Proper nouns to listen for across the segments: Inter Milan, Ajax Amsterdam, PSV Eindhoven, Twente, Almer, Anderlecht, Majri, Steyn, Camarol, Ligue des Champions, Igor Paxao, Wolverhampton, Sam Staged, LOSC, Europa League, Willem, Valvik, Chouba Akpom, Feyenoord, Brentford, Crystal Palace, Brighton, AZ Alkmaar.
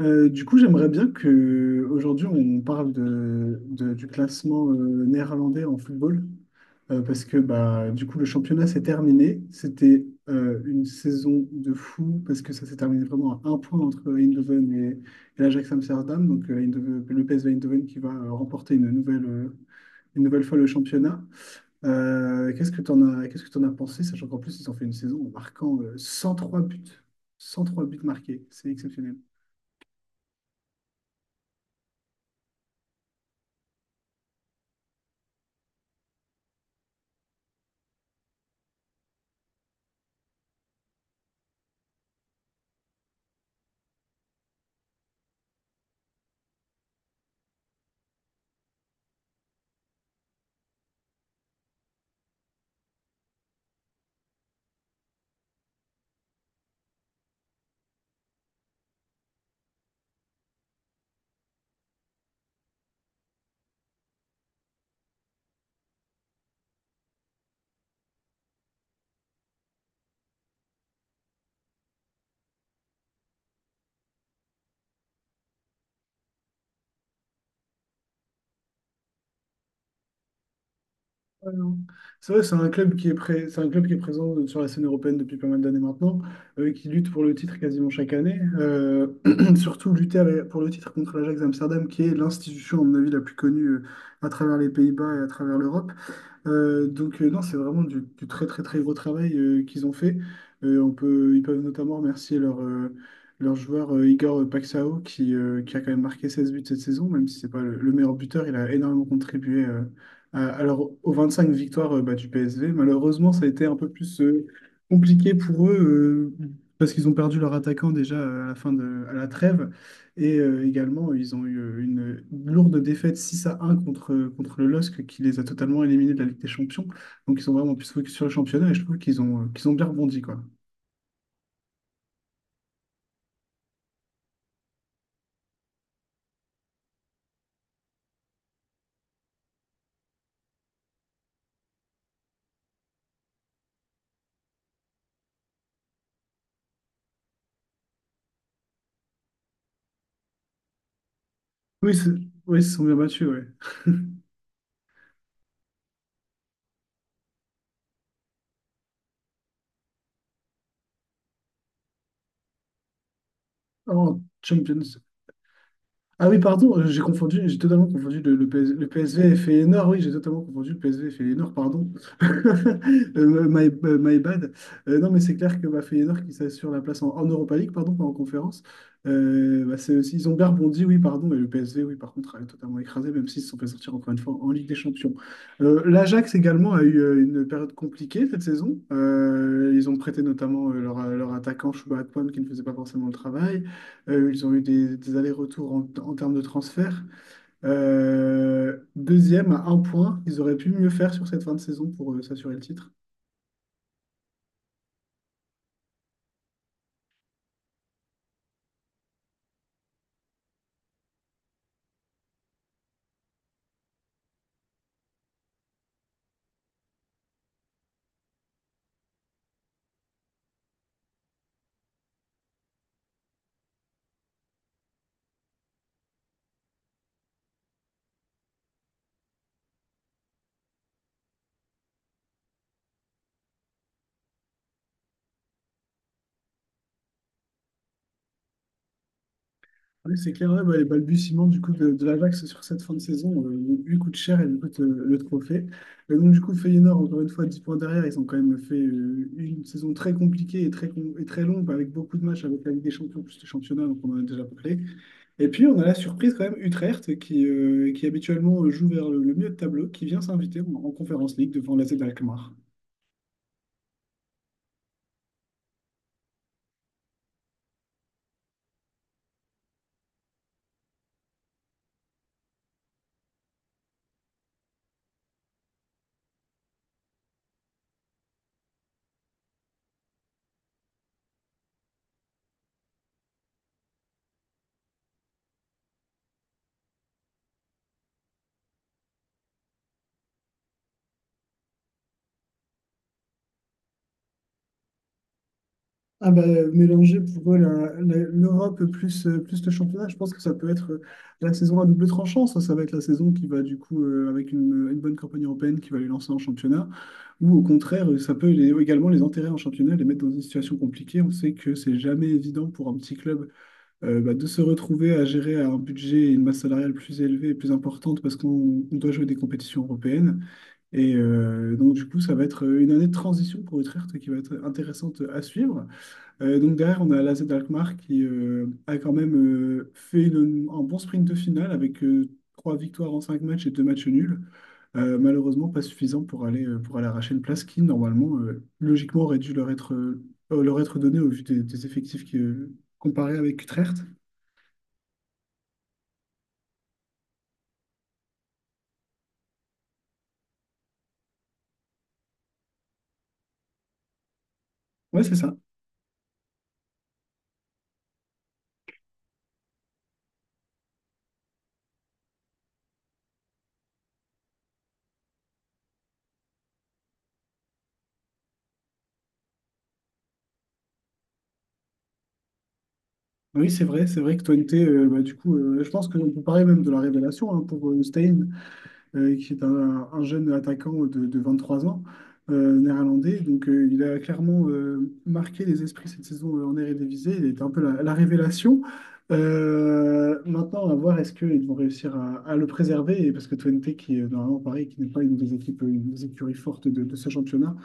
Du coup, j'aimerais bien que aujourd'hui on parle du classement néerlandais en football, parce que bah, du coup le championnat s'est terminé. C'était une saison de fou, parce que ça s'est terminé vraiment à un point entre Eindhoven et l'Ajax Amsterdam, donc le PSV Eindhoven qui va remporter une nouvelle fois le championnat. Qu'est-ce que tu as pensé, sachant qu'en plus ils ont fait une saison en marquant 103 buts, 103 buts marqués, c'est exceptionnel. Ouais, non. C'est vrai, c'est un club qui est présent sur la scène européenne depuis pas mal d'années maintenant, qui lutte pour le titre quasiment chaque année. Surtout pour le titre contre l'Ajax Amsterdam, qui est l'institution, à mon avis, la plus connue à travers les Pays-Bas et à travers l'Europe. Donc non, c'est vraiment du très très très gros travail qu'ils ont fait. Ils peuvent notamment remercier leur joueur Igor Paxao qui a quand même marqué 16 buts cette saison, même si c'est pas le meilleur buteur, il a énormément contribué aux 25 victoires bah, du PSV. Malheureusement, ça a été un peu plus compliqué pour eux parce qu'ils ont perdu leur attaquant déjà à la trêve. Également, ils ont eu une lourde défaite 6-1 contre le LOSC qui les a totalement éliminés de la Ligue des Champions. Donc, ils sont vraiment plus focus sur le championnat et je trouve qu'ils ont bien rebondi, quoi. Oui, oui, ils se sont bien battus, ouais. En Champions. Ah oui, pardon, j'ai totalement confondu le PSV et Feyenoord. Oui, j'ai totalement confondu le PSV et Feyenoord, pardon. My bad. Non, mais c'est clair que bah, Feyenoord qui s'assure la place en Europa League, pardon, pas en conférence. Bah, c'est aussi, ils ont bien rebondi, oui, pardon, et le PSV, oui, par contre, a totalement écrasé, même s'ils se sont fait sortir encore une fois en Ligue des Champions. L'Ajax également a eu une période compliquée cette saison. Ils ont prêté notamment leur attaquant Chouba Akpom qui ne faisait pas forcément le travail. Ils ont eu des allers-retours en termes de transfert. Deuxième à un point, ils auraient pu mieux faire sur cette fin de saison pour s'assurer le titre. Oui, c'est clair, ouais, bah, les balbutiements du coup de l'Ajax sur cette fin de saison lui coûte cher et lui coûte le trophée. Et donc du coup, Feyenoord, encore une fois, 10 points derrière, ils ont quand même fait une saison très compliquée et et très longue, avec beaucoup de matchs avec la Ligue des Champions plus le championnat, donc on en a déjà parlé. Et puis on a la surprise quand même, Utrecht, qui habituellement joue vers le milieu de tableau, qui vient s'inviter en Conference League devant l'AZ Alkmaar. Ah bah, mélanger pour eux l'Europe plus, plus le championnat, je pense que ça peut être la saison à double tranchant. Ça va être la saison qui va du coup, avec une bonne campagne européenne, qui va les lancer en championnat. Ou au contraire, ça peut également les enterrer en championnat, les mettre dans une situation compliquée. On sait que c'est jamais évident pour un petit club bah, de se retrouver à gérer un budget et une masse salariale plus élevée et plus importante parce qu'on on doit jouer des compétitions européennes. Donc, du coup, ça va être une année de transition pour Utrecht qui va être intéressante à suivre. Donc, derrière, on a l'AZ Alkmaar qui a quand même fait un bon sprint de finale avec trois victoires en cinq matchs et deux matchs nuls. Malheureusement, pas suffisant pour aller arracher une place qui, normalement, logiquement, aurait dû leur être donnée au vu des effectifs comparés avec Utrecht. Ouais, c'est ça. Oui, c'est vrai que Twente, bah, du coup, je pense qu'on peut parler même de la révélation hein, pour Steyn, qui est un jeune attaquant de 23 ans, néerlandais. Donc, il a clairement marqué les esprits cette saison en Eredivisie. Il était un peu la révélation. Maintenant, à voir est-ce qu'ils vont réussir à le préserver, et parce que Twente, qui est normalement pareil, qui n'est pas une des équipes, une des écuries fortes de ce championnat.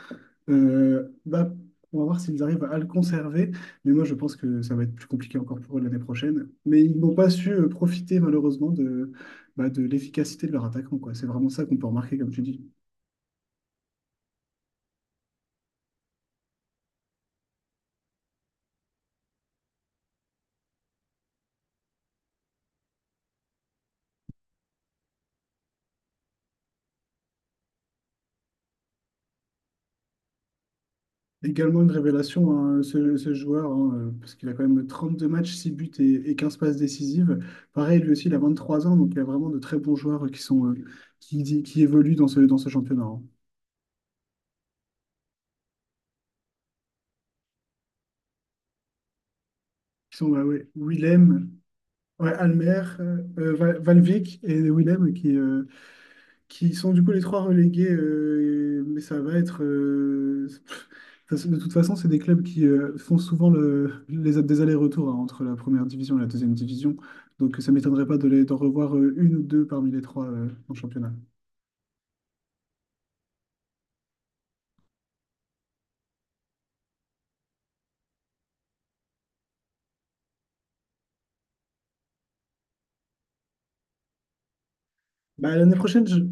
Bah, on va voir s'ils arrivent à le conserver, mais moi je pense que ça va être plus compliqué encore pour eux l'année prochaine. Mais ils n'ont pas su profiter malheureusement bah, de l'efficacité de leur attaquant, quoi. C'est vraiment ça qu'on peut remarquer, comme tu dis. Également une révélation, hein, ce joueur, hein, parce qu'il a quand même 32 matchs, 6 buts et 15 passes décisives. Pareil, lui aussi, il a 23 ans, donc il y a vraiment de très bons joueurs qui évoluent dans ce championnat, hein. Qui sont bah, ouais, Willem, ouais, Almer, Valvik et Willem qui sont du coup les trois relégués, mais de toute façon, c'est des clubs qui font souvent des allers-retours hein, entre la première division et la deuxième division, donc ça m'étonnerait pas d'en revoir une ou deux parmi les trois en championnat. Bah, l'année prochaine,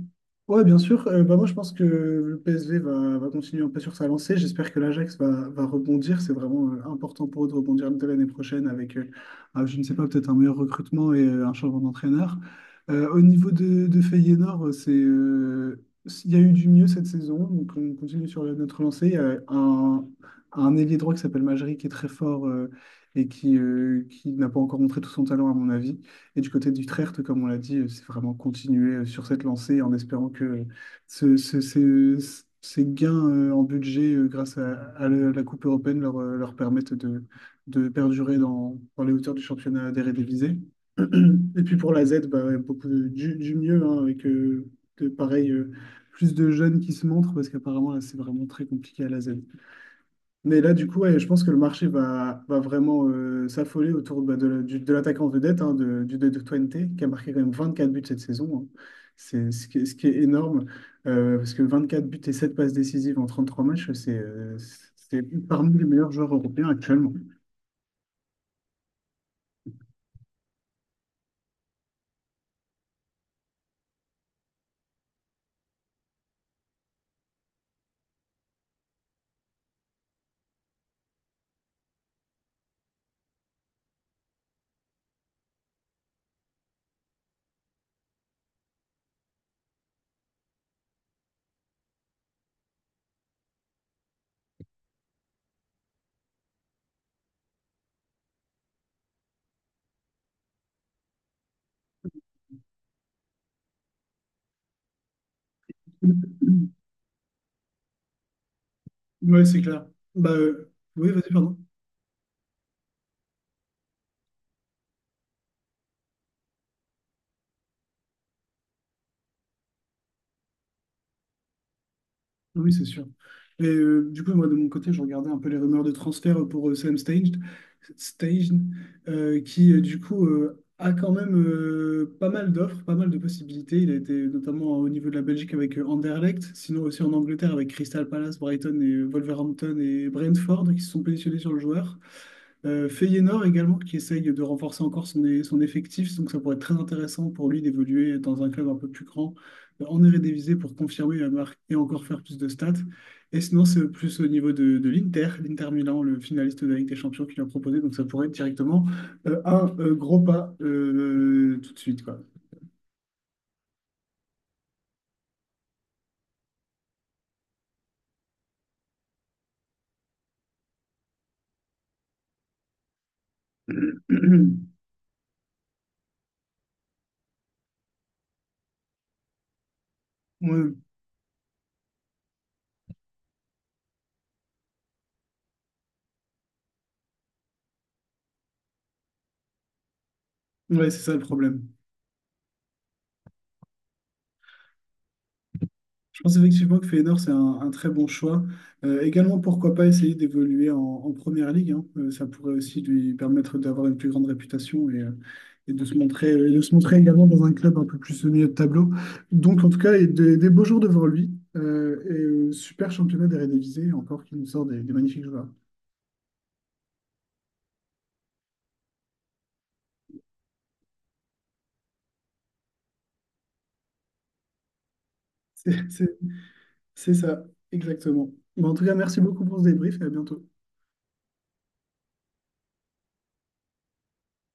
ouais, bien sûr. Bah, moi, je pense que le PSV va continuer un peu sur sa lancée. J'espère que l'Ajax va rebondir. C'est vraiment important pour eux de rebondir dès l'année prochaine ah, je ne sais pas, peut-être un meilleur recrutement et un changement d'entraîneur. Au niveau de Feyenoord, il y a eu du mieux cette saison. Donc, on continue sur notre lancée. Il y a un ailier droit qui s'appelle Majri qui est très fort et qui n'a pas encore montré tout son talent, à mon avis. Et du côté d'Utrecht, comme on l'a dit, c'est vraiment continuer sur cette lancée en espérant que ces gains en budget grâce à la Coupe européenne leur permettent de perdurer dans les hauteurs du championnat d'Eredivisie. Et puis pour la Z, bah, ouais, beaucoup du mieux, hein, avec de, pareil, euh, plus de jeunes qui se montrent, parce qu'apparemment, là, c'est vraiment très compliqué à la Z. Mais là, du coup, ouais, je pense que le marché va vraiment s'affoler autour bah, de l'attaquant vedette, hein, de, du de Twente, qui a marqué quand même 24 buts cette saison, hein. C'est ce qui est énorme, parce que 24 buts et 7 passes décisives en 33 matchs, c'est parmi les meilleurs joueurs européens actuellement. Ouais, c'est clair. Bah, euh, oui, vas-y, pardon. Oui, c'est sûr. Du coup, moi, de mon côté, je regardais un peu les rumeurs de transfert pour Sam Staged, qui, du coup, a quand même pas mal d'offres, pas mal de possibilités. Il a été notamment au niveau de la Belgique avec Anderlecht, sinon aussi en Angleterre avec Crystal Palace, Brighton et Wolverhampton et Brentford qui se sont positionnés sur le joueur. Feyenoord également, qui essaye de renforcer encore son effectif, donc ça pourrait être très intéressant pour lui d'évoluer dans un club un peu plus grand en Eredivisie pour confirmer la marque et encore faire plus de stats. Et sinon, c'est plus au niveau de l'Inter Milan, le finaliste de la Ligue des Champions qui l'a proposé. Donc ça pourrait être directement un gros pas tout de suite, quoi. Ouais, ouais, c'est ça le problème. Je pense effectivement que Feyenoord, c'est un très bon choix. Également, pourquoi pas essayer d'évoluer en première ligue, hein. Ça pourrait aussi lui permettre d'avoir une plus grande réputation et et de se montrer également dans un club un peu plus au milieu de tableau. Donc, en tout cas, et des beaux jours devant lui. Euh, et Super championnat d'Eredivisie, encore qui nous sort des magnifiques joueurs. C'est c'est- c'est ça, exactement. Bon, en tout cas, merci beaucoup pour ce débrief et à bientôt.